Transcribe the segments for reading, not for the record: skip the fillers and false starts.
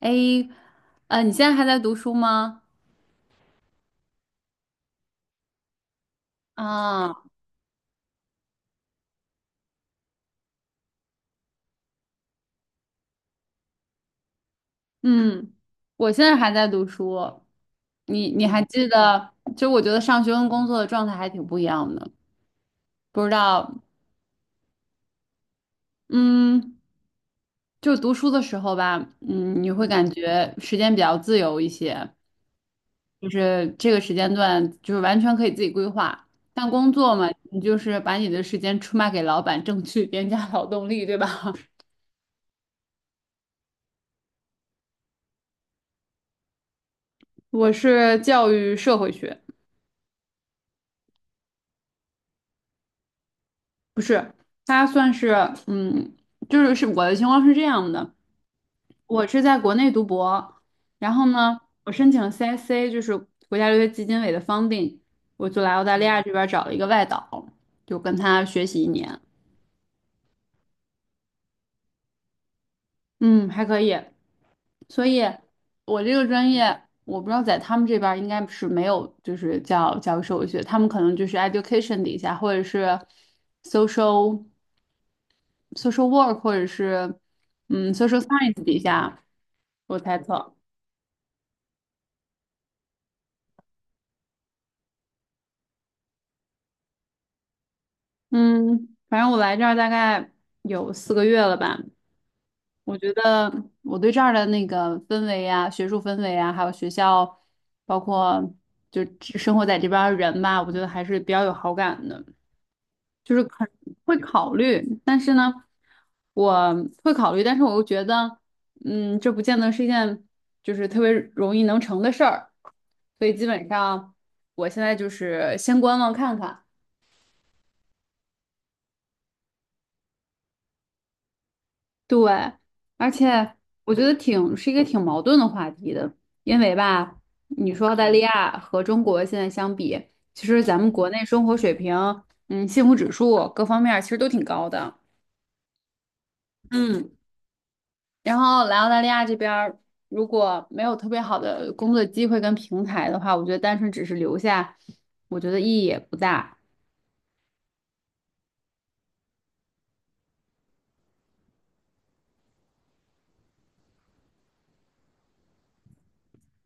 哎，你现在还在读书吗？啊。嗯，我现在还在读书。你还记得？就我觉得上学跟工作的状态还挺不一样的。不知道。嗯，就读书的时候吧，你会感觉时间比较自由一些，就是这个时间段就是完全可以自己规划。但工作嘛，你就是把你的时间出卖给老板，挣取 廉价劳动力，对吧？我是教育社会学。不是，他算是嗯，就是我的情况是这样的，我是在国内读博，然后呢，我申请了 CSC 就是国家留学基金委的 funding，我就来澳大利亚这边找了一个外导，就跟他学习一年。嗯，还可以。所以，我这个专业我不知道在他们这边儿应该是没有，就是叫教授学，他们可能就是 education 底下或者是 social。social work 或者是social science 底下，我猜测。嗯，反正我来这儿大概有4个月了吧。我觉得我对这儿的那个氛围呀，学术氛围啊，还有学校，包括就只生活在这边儿的人吧，我觉得还是比较有好感的。就是很会考虑，但是呢，我会考虑，但是我又觉得，这不见得是一件就是特别容易能成的事儿，所以基本上我现在就是先观望看看。对，而且我觉得挺是一个挺矛盾的话题的，因为吧，你说澳大利亚和中国现在相比，其实咱们国内生活水平，幸福指数各方面儿其实都挺高的。嗯，然后来澳大利亚这边儿，如果没有特别好的工作机会跟平台的话，我觉得单纯只是留下，我觉得意义也不大。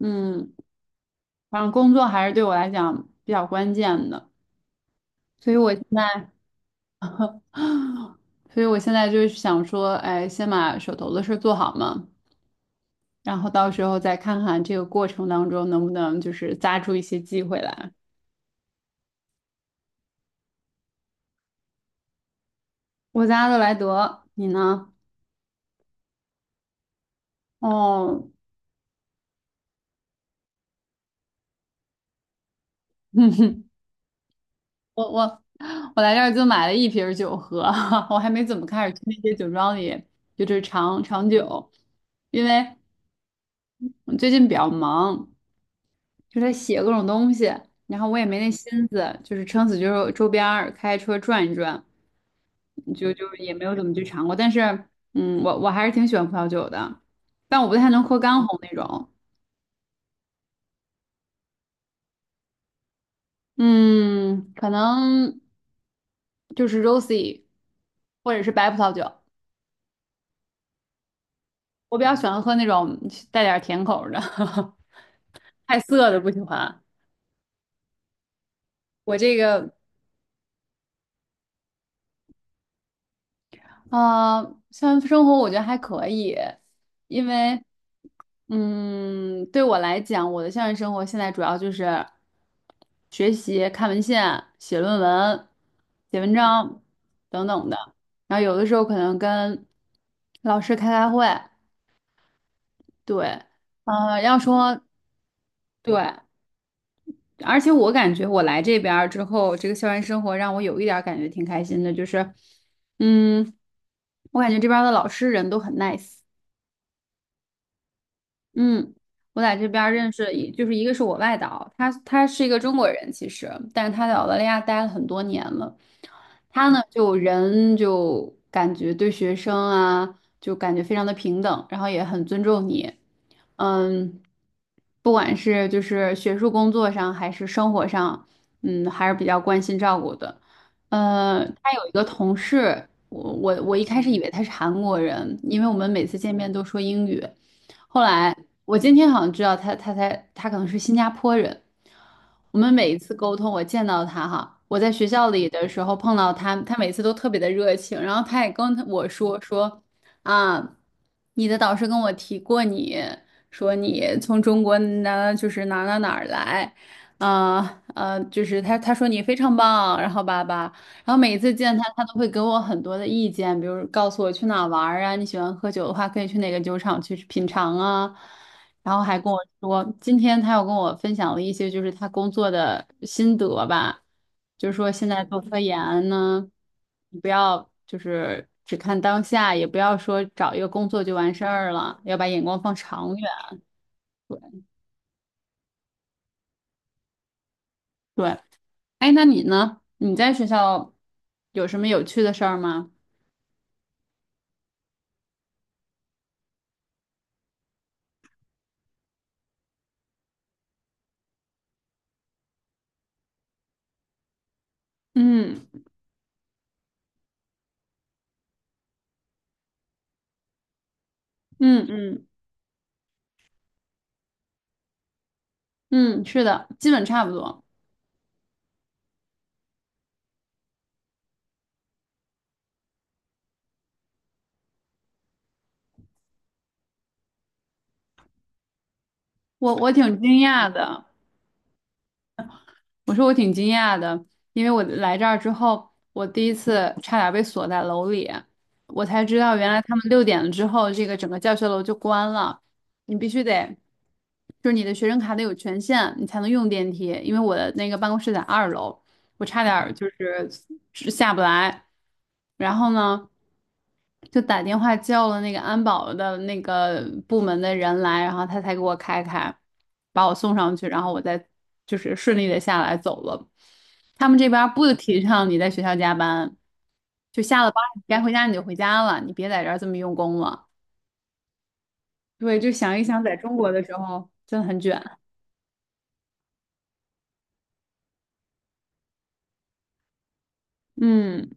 嗯，反正工作还是对我来讲比较关键的，所以我现在，所以我现在就是想说，哎，先把手头的事儿做好嘛，然后到时候再看看这个过程当中能不能就是扎出一些机会来。我在阿德莱德，你呢？哦，我我我来这儿就买了一瓶儿酒喝，我还没怎么开始去那些酒庄里，就是尝尝酒，因为我最近比较忙，就在写各种东西，然后我也没那心思，就是撑死就是周边儿开车转一转，就也没有怎么去尝过。但是，我还是挺喜欢葡萄酒的，但我不太能喝干红那种，嗯，可能就是 rosé 或者是白葡萄酒。我比较喜欢喝那种带点儿甜口儿的，太涩的不喜欢。我这个啊，校园生活我觉得还可以，因为对我来讲，我的校园生活现在主要就是学习、看文献、写论文、写文章等等的。然后有的时候可能跟老师开开会，对，要说对，而且我感觉我来这边儿之后，这个校园生活让我有一点儿感觉挺开心的，就是，嗯，我感觉这边儿的老师人都很 nice。嗯，我在这边儿认识，就是一个是我外导，他是一个中国人，其实，但是他在澳大利亚待了很多年了。他呢，就人就感觉对学生啊，就感觉非常的平等，然后也很尊重你。嗯，不管是就是学术工作上，还是生活上，还是比较关心照顾的。他有一个同事，我一开始以为他是韩国人，因为我们每次见面都说英语。后来我今天好像知道他，他可能是新加坡人。我们每一次沟通，我见到他哈，我在学校里的时候碰到他，他每次都特别的热情，然后他也跟我说说啊，你的导师跟我提过你，说你从中国哪就是哪哪哪儿来，就是他说你非常棒，然后吧，然后每一次见他，他都会给我很多的意见，比如告诉我去哪玩儿啊，你喜欢喝酒的话，可以去哪个酒厂去品尝啊。然后还跟我说，今天他又跟我分享了一些就是他工作的心得吧，就是说现在做科研呢，你不要就是只看当下，也不要说找一个工作就完事儿了，要把眼光放长远。对，哎，那你呢？你在学校有什么有趣的事儿吗？嗯嗯嗯。嗯，是的，基本差不多。我挺惊讶的，我说我挺惊讶的，因为我来这儿之后，我第一次差点被锁在楼里，我才知道原来他们6点了之后，这个整个教学楼就关了，你必须得，就是你的学生卡得有权限，你才能用电梯。因为我的那个办公室在2楼，我差点儿就是下不来。然后呢？就打电话叫了那个安保的那个部门的人来，然后他才给我开开，把我送上去，然后我再就是顺利的下来走了。他们这边儿不提倡你在学校加班，就下了班儿你该回家你就回家了，你别在这儿这么用功了。对，就想一想，在中国的时候真的很卷。嗯。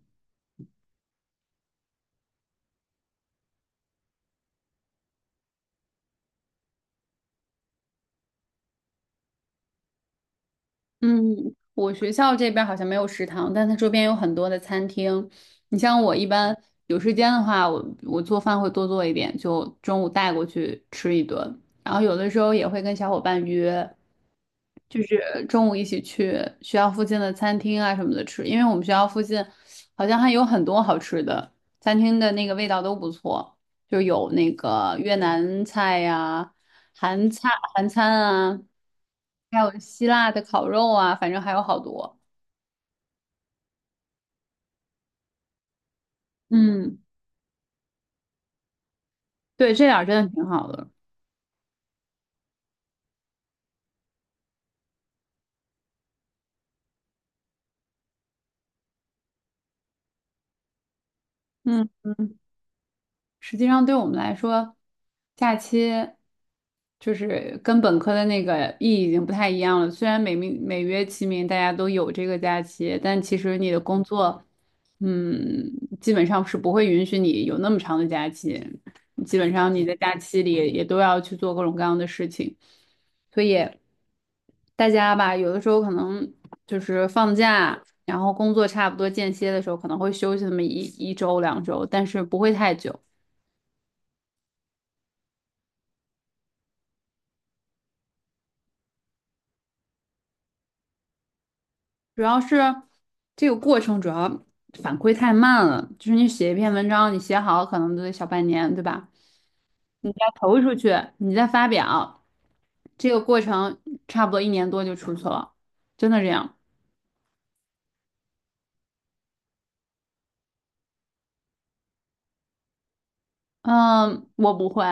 嗯，我学校这边儿好像没有食堂，但它周边有很多的餐厅。你像我一般有时间的话，我做饭会多做一点，就中午带过去吃一顿。然后有的时候也会跟小伙伴约，就是中午一起去学校附近的餐厅啊什么的吃，因为我们学校附近好像还有很多好吃的餐厅的那个味道都不错，就有那个越南菜呀、韩菜、韩餐啊，还有希腊的烤肉啊，反正还有好多。嗯，对，这点儿真的挺好的。嗯嗯。实际上对我们来说，假期就是跟本科的那个意义已经不太一样了。虽然每名每月、其名，大家都有这个假期，但其实你的工作，嗯，基本上是不会允许你有那么长的假期。基本上你在假期里也都要去做各种各样的事情，所以大家吧，有的时候可能就是放假，然后工作差不多间歇的时候，可能会休息那么一周两周，但是不会太久。主要是这个过程主要反馈太慢了，就是你写一篇文章，你写好可能都得小半年，对吧？你再投出去，你再发表，这个过程差不多1年多就出去了，真的这样。嗯，我不会，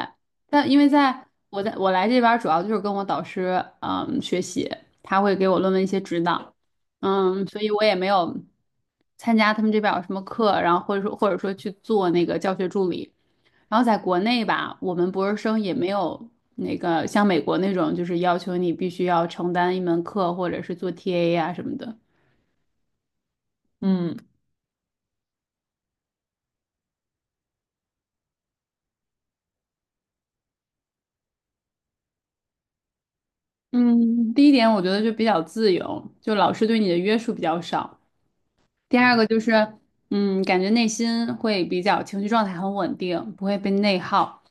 但因为在我来这边儿主要就是跟我导师学习，他会给我论文一些指导，所以我也没有参加他们这边儿有什么课，然后或者说去做那个教学助理。然后在国内吧，我们博士生也没有那个像美国那种，就是要求你必须要承担一门课或者是做 TA 啊什么的。嗯嗯，第一点我觉得就比较自由，就老师对你的约束比较少。第二个就是，感觉内心会比较情绪状态很稳定，不会被内耗。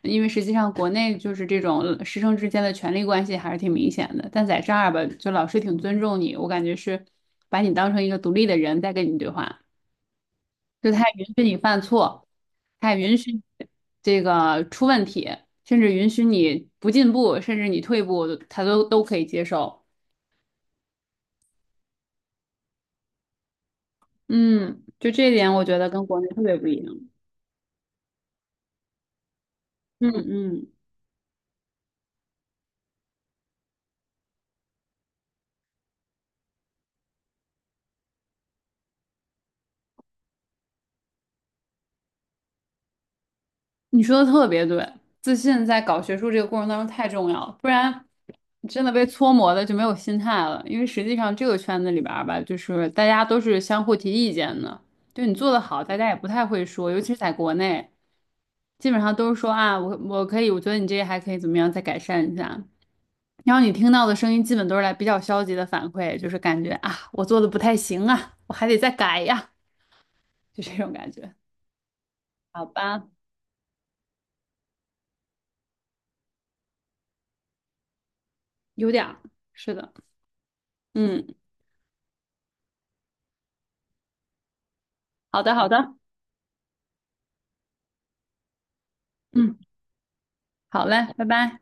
因为实际上国内就是这种师生之间的权力关系还是挺明显的，但在这儿吧，就老师挺尊重你，我感觉是把你当成一个独立的人在跟你对话。就他也允许你犯错，他也允许你这个出问题，甚至允许你不进步，甚至你退步，他都可以接受。嗯，就这一点，我觉得跟国内特别不一样。嗯嗯。你说的特别对，自信在搞学术这个过程当中太重要了，不然真的被搓磨的就没有心态了。因为实际上这个圈子里边儿吧，就是大家都是相互提意见的，就你做得好，大家也不太会说，尤其是在国内，基本上都是说啊，我可以，我觉得你这个还可以怎么样，再改善一下。然后你听到的声音基本都是来比较消极的反馈，就是感觉啊，我做的不太行啊，我还得再改呀，就这种感觉。好吧，有点儿，是的，嗯，好的，好的。嗯，好嘞，拜拜。